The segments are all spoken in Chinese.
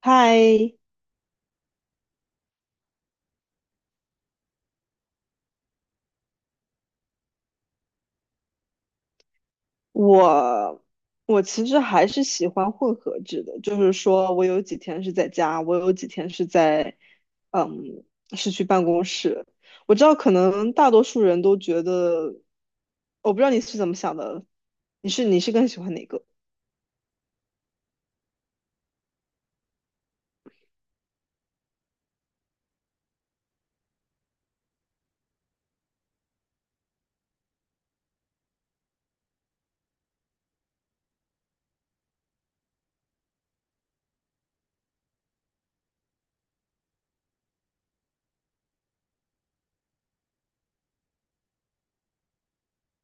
嗨，我我其实还是喜欢混合制的，就是说我有几天是在家，我有几天是在，嗯，是去办公室。我知道可能大多数人都觉得，我不知道你是怎么想的，你是更喜欢哪个？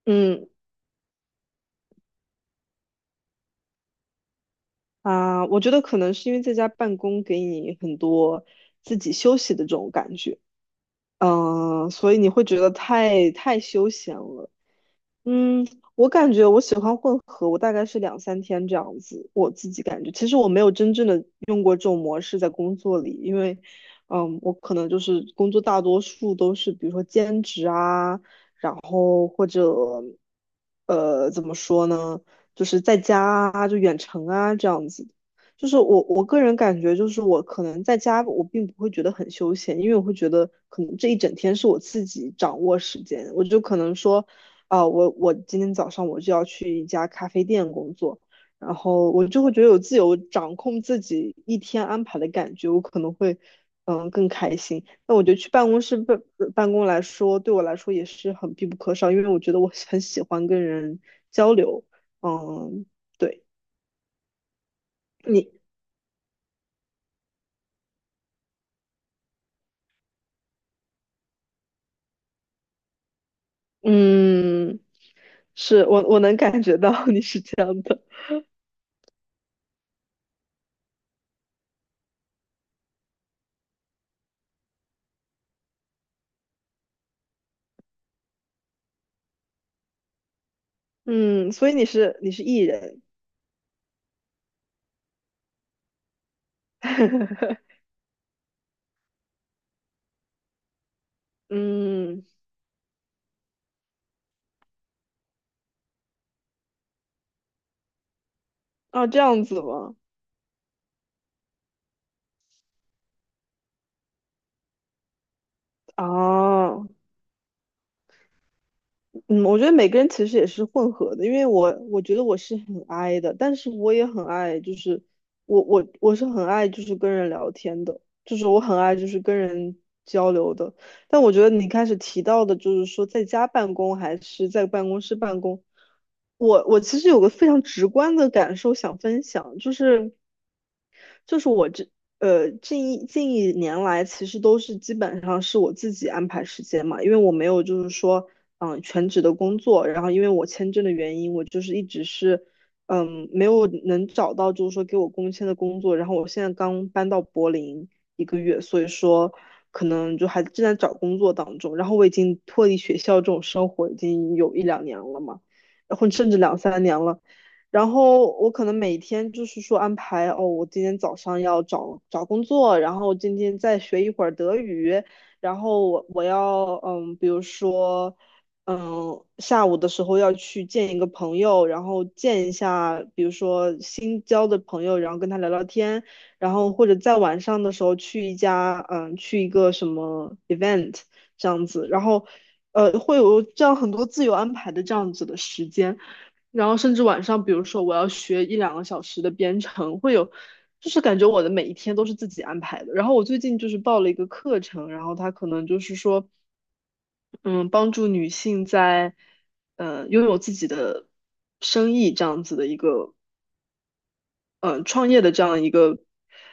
嗯啊，我觉得可能是因为在家办公给你很多自己休息的这种感觉，所以你会觉得太休闲了。嗯，我感觉我喜欢混合，我大概是两三天这样子。我自己感觉，其实我没有真正的用过这种模式在工作里，因为，我可能就是工作大多数都是比如说兼职啊，然后或者，怎么说呢，就是在家啊，就远程啊这样子。就是我个人感觉，就是我可能在家我并不会觉得很休闲，因为我会觉得可能这一整天是我自己掌握时间，我就可能说。啊，我今天早上我就要去一家咖啡店工作，然后我就会觉得有自由掌控自己一天安排的感觉，我可能会更开心。那我觉得去办公室办公来说，对我来说也是很必不可少，因为我觉得我很喜欢跟人交流。嗯，对你，嗯，是我能感觉到 你是这样的，嗯，所以你是 E 人，嗯，啊这样子吗？哦，嗯，我觉得每个人其实也是混合的，因为我觉得我是很 I 的，但是我也很爱，就是我是很爱就是跟人聊天的，就是我很爱就是跟人交流的。但我觉得你开始提到的，就是说在家办公还是在办公室办公，我其实有个非常直观的感受想分享，就是。就是我这近一年来，其实都是基本上是我自己安排时间嘛，因为我没有就是说全职的工作，然后因为我签证的原因，我就是一直是没有能找到就是说给我工签的工作，然后我现在刚搬到柏林一个月，所以说可能就还正在找工作当中，然后我已经脱离学校这种生活已经有一两年了嘛，然后甚至两三年了。然后我可能每天就是说安排哦，我今天早上要找找工作，然后今天再学一会儿德语，然后我要比如说下午的时候要去见一个朋友，然后见一下比如说新交的朋友，然后跟他聊聊天，然后或者在晚上的时候去一个什么 event 这样子，然后会有这样很多自由安排的这样子的时间。然后甚至晚上，比如说我要学一两个小时的编程，会有，就是感觉我的每一天都是自己安排的。然后我最近就是报了一个课程，然后他可能就是说，嗯，帮助女性在，拥有自己的生意这样子的一个创业的这样一个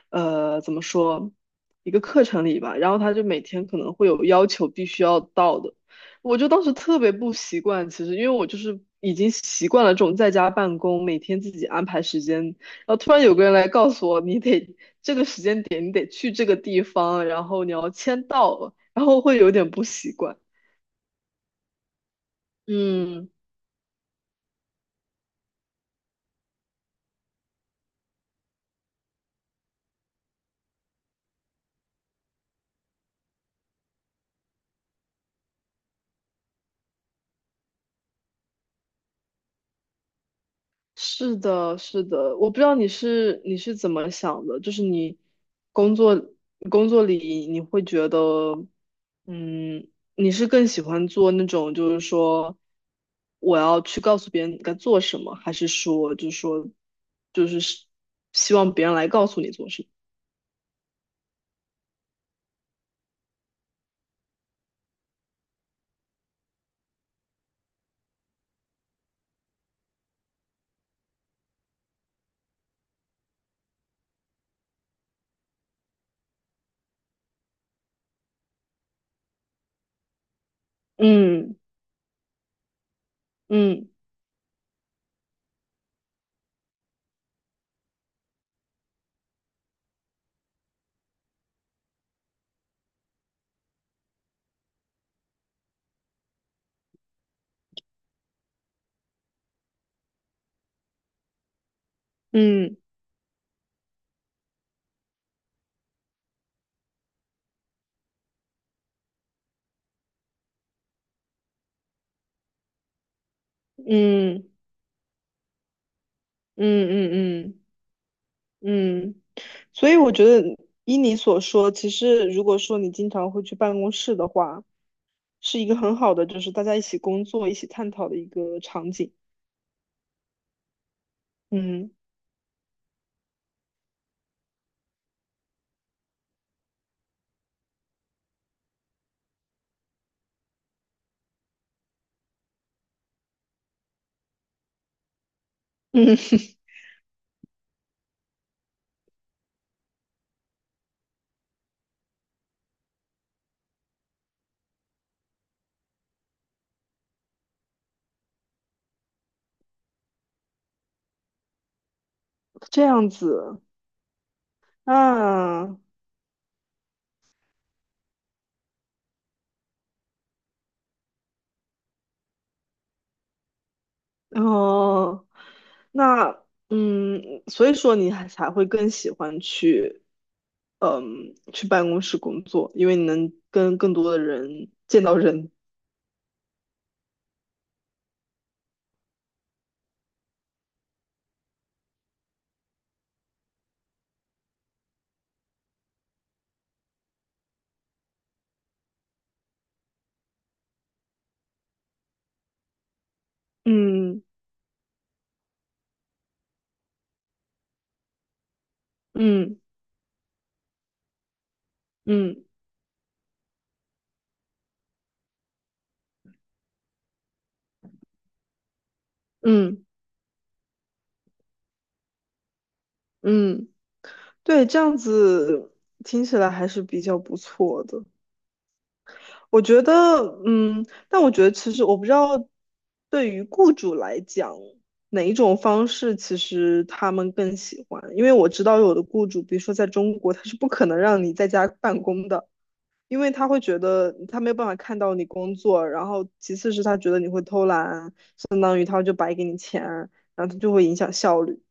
怎么说一个课程里吧，然后他就每天可能会有要求必须要到的，我就当时特别不习惯，其实因为我就是已经习惯了这种在家办公，每天自己安排时间，然后突然有个人来告诉我，你得这个时间点你得去这个地方，然后你要签到，然后会有点不习惯，嗯。是的，是的，我不知道你是怎么想的，就是你工作工作里你会觉得，嗯，你是更喜欢做那种就是说我要去告诉别人该做什么，还是说就是说就是希希望别人来告诉你做什么？嗯嗯嗯嗯嗯嗯嗯嗯，所以我觉得依你所说，其实如果说你经常会去办公室的话，是一个很好的，就是大家一起工作、一起探讨的一个场景。嗯嗯，这样子啊，哦，那嗯，所以说你还才会更喜欢去，去办公室工作，因为你能跟更多的人见到人。嗯嗯嗯嗯嗯，对，这样子听起来还是比较不错的。我觉得，但我觉得其实我不知道，对于雇主来讲，哪一种方式其实他们更喜欢？因为我知道有的雇主，比如说在中国，他是不可能让你在家办公的，因为他会觉得他没有办法看到你工作，然后其次是他觉得你会偷懒，相当于他就白给你钱，然后他就会影响效率。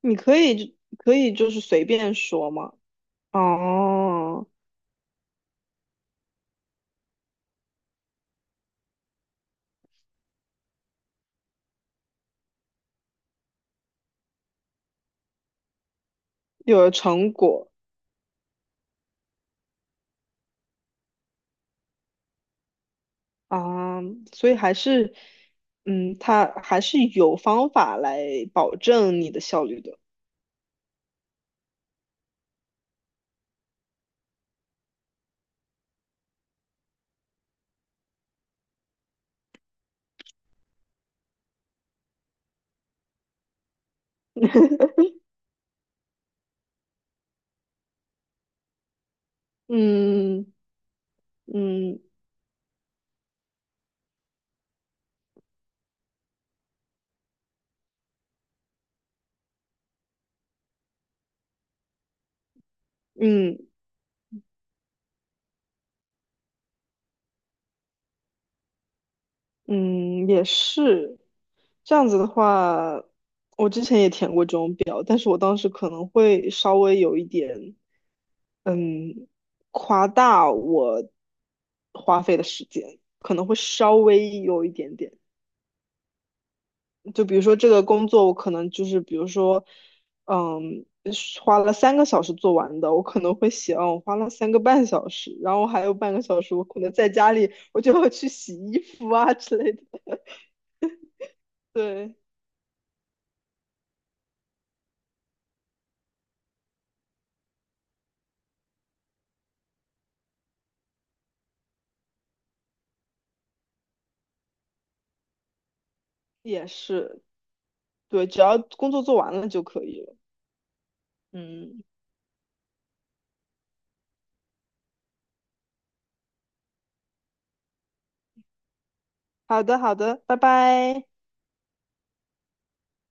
你可以就是随便说嘛，哦，有了成果。啊，所以还是，他还是有方法来保证你的效率的。嗯嗯嗯嗯，也是。这样子的话，但是我当时可能会稍微有一点，嗯，夸大我花费的时间，可能会稍微有一点点。就比如说这个工作，我可能就是比如说，嗯，是花了3个小时做完的，我可能会写，我花了3个半小时，然后还有半个小时，我可能在家里，我就要去洗衣服啊之类的。对，也是，对，只要工作做完了就可以了。嗯，好的，好的，拜拜。